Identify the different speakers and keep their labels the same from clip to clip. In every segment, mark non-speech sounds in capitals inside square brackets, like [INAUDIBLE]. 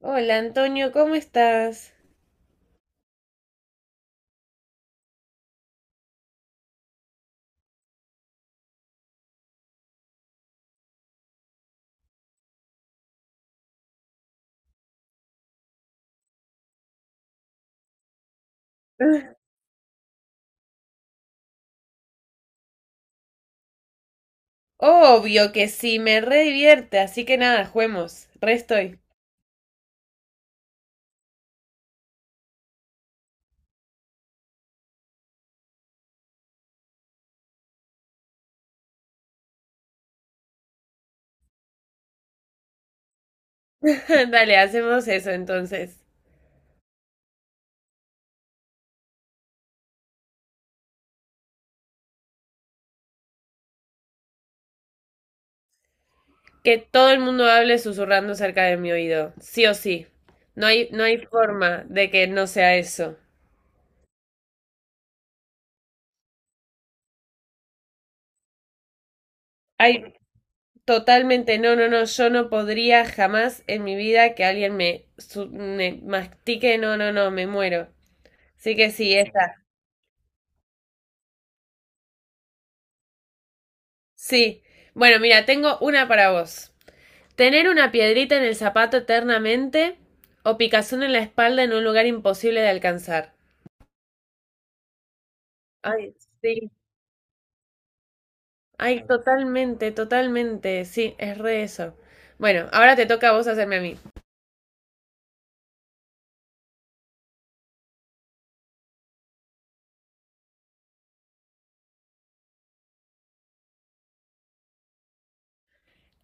Speaker 1: Hola Antonio, ¿cómo estás? [LAUGHS] Obvio que sí, me re divierte, así que nada, juguemos. Re estoy. [LAUGHS] Dale, hacemos eso entonces. Que todo el mundo hable susurrando cerca de mi oído, sí o sí. No hay forma de que no sea eso. Ay, totalmente, no, no, no, yo no podría jamás en mi vida que me mastique, no, no, no, me muero. Así que sí, esta. Sí. Bueno, mira, tengo una para vos. Tener una piedrita en el zapato eternamente o picazón en la espalda en un lugar imposible de alcanzar. Ay, sí. Ay, totalmente, totalmente. Sí, es re eso. Bueno, ahora te toca a vos hacerme a mí.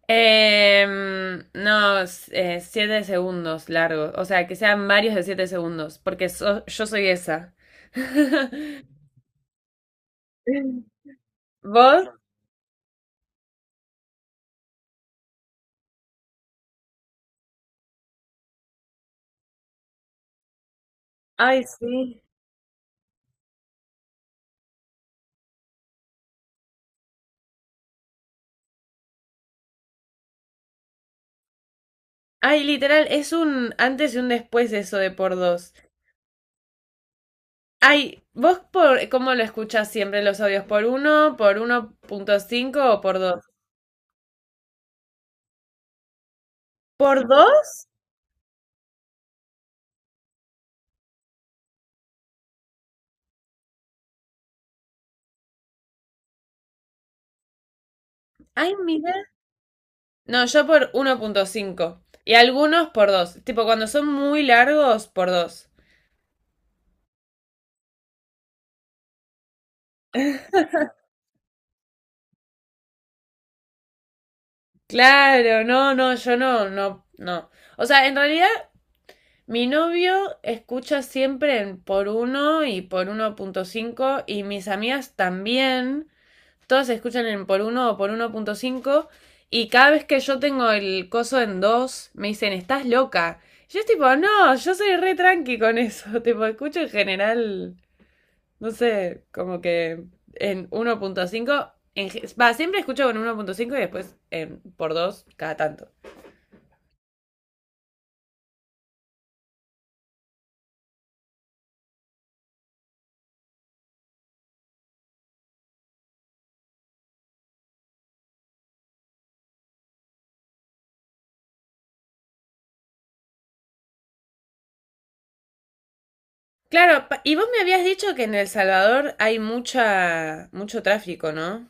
Speaker 1: No, siete segundos largos. O sea, que sean varios de siete segundos, porque yo soy esa. [LAUGHS] ¿Vos? Ay, sí. Ay, literal, es un antes y un después eso de por dos. Ay, ¿vos por cómo lo escuchas siempre los audios? Por uno punto cinco o por dos? ¿Por dos? Ay, mira. No, yo por uno punto cinco y algunos por dos. Tipo, cuando son muy largos, por dos. Claro, no, no, yo no, no, no. O sea, en realidad, mi novio escucha siempre en por uno y por uno punto cinco y mis amigas también. Todos se escuchan en por uno o por uno punto cinco. Y cada vez que yo tengo el coso en 2 me dicen, estás loca. Y yo es tipo, no, yo soy re tranqui con eso. [LAUGHS] Tipo, escucho en general, no sé, como que en uno punto cinco. Va, siempre escucho con uno punto cinco y después por dos cada tanto. Claro, y vos me habías dicho que en El Salvador hay mucho tráfico, ¿no?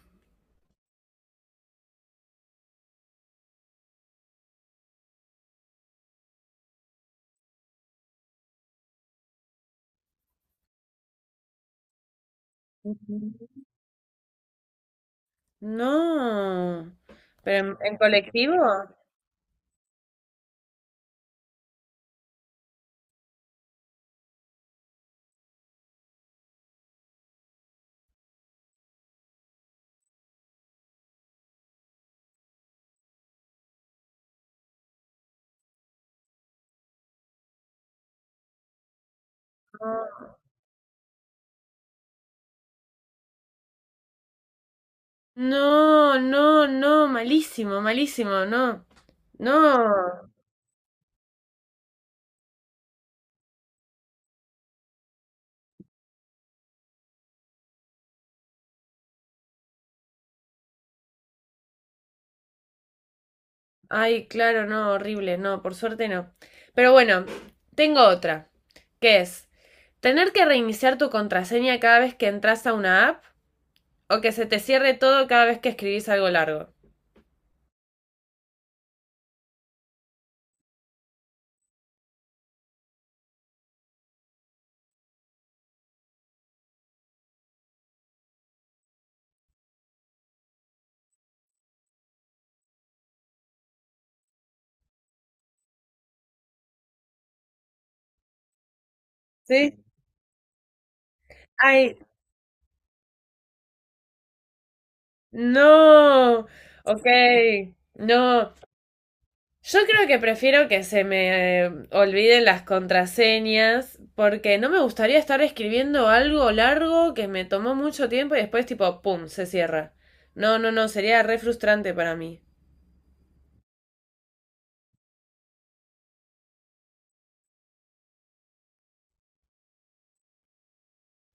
Speaker 1: No. ¿Pero en colectivo? No, no, no, malísimo, malísimo, no. No. Ay, claro, no, horrible, no, por suerte no. Pero bueno, tengo otra, que es tener que reiniciar tu contraseña cada vez que entras a una app o que se te cierre todo cada vez que escribís algo largo. ¿Sí? Ay, no. Ok. No. Yo creo que prefiero que se me olviden las contraseñas porque no me gustaría estar escribiendo algo largo que me tomó mucho tiempo y después tipo, ¡pum!, se cierra. No, no, no, sería re frustrante para mí.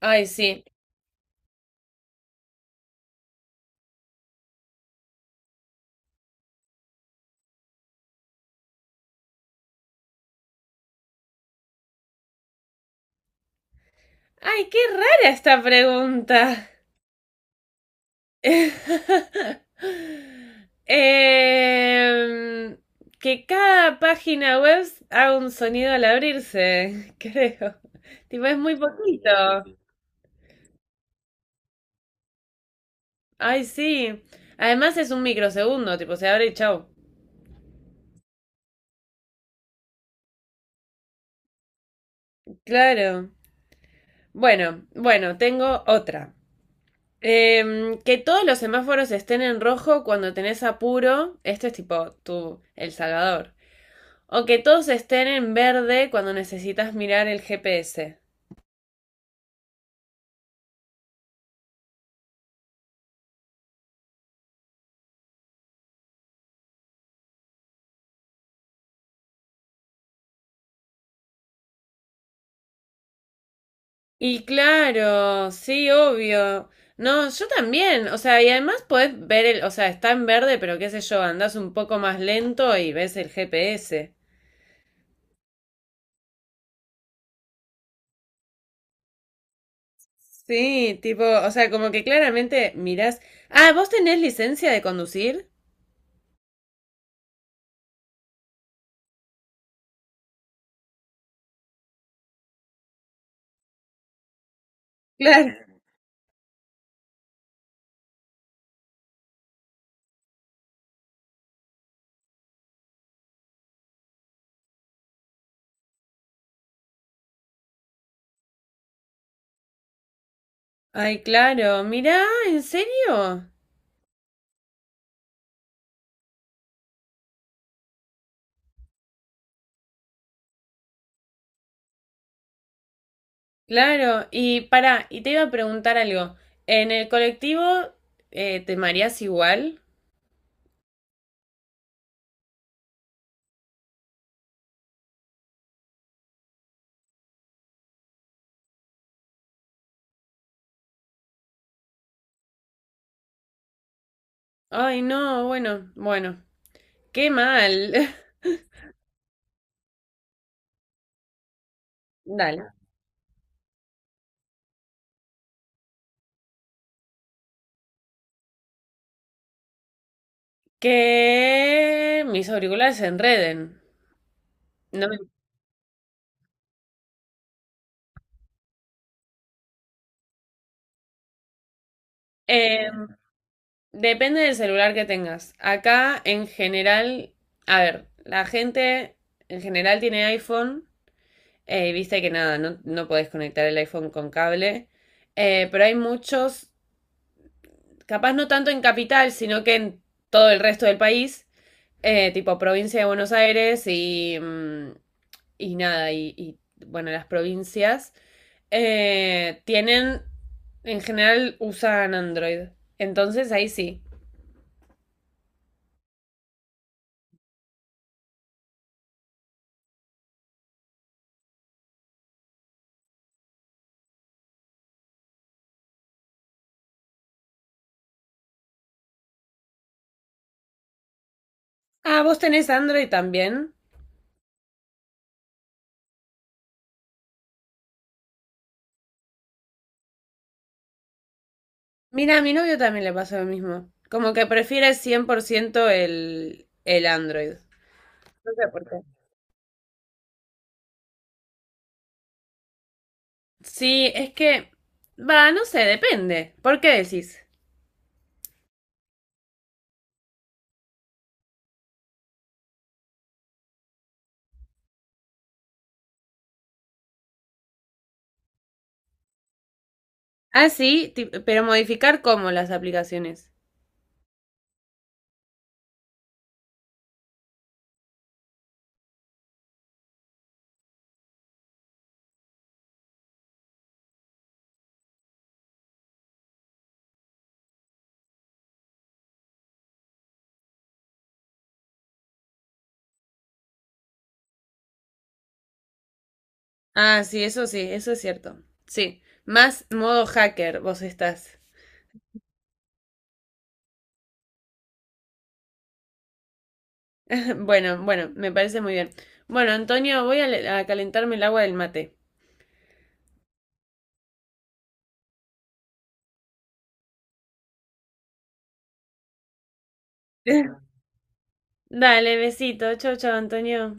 Speaker 1: Ay, sí. Ay, qué rara esta pregunta. [LAUGHS] Em, que cada página web haga un sonido al abrirse, [LAUGHS] creo. Tipo, es muy poquito. Ay, sí. Además es un microsegundo, tipo, se abre y chau. Claro. Bueno, bueno, tengo otra. Em, que todos los semáforos estén en rojo cuando tenés apuro. Esto es tipo tu, El Salvador. O que todos estén en verde cuando necesitas mirar el GPS. Y claro, sí, obvio. No, yo también. O sea, y además podés ver o sea, está en verde, pero qué sé yo, andás un poco más lento y ves el GPS. Sí, tipo, o sea, como que claramente mirás. Ah, ¿vos tenés licencia de conducir? Claro. Ay, claro, mirá, ¿en serio? Claro, y pará, y te iba a preguntar algo. ¿En el colectivo te mareás igual? Ay, no, bueno, bueno, qué mal. [LAUGHS] Dale. Que mis auriculares se enreden. No me... em, depende del celular que tengas. Acá en general, a ver, la gente en general tiene iPhone, viste que nada, no podés conectar el iPhone con cable, pero hay muchos, capaz no tanto en capital, sino que en todo el resto del país, tipo provincia de Buenos Aires y, mm, y nada, y, bueno, las provincias, tienen, en general usan Android. Entonces ahí sí. Ah, ¿vos tenés Android también? Mira, a mi novio también le pasa lo mismo. Como que prefiere 100% el Android. No sé por qué. Sí, es que, va, no sé, depende. ¿Por qué decís? Ah, sí, pero modificar cómo las aplicaciones. Ah, sí, eso es cierto. Sí, más modo hacker vos estás. [LAUGHS] Bueno, bueno, me parece muy bien. Bueno, Antonio, voy a, a calentarme el agua del mate. [LAUGHS] Dale, besito. Chau, chau, Antonio.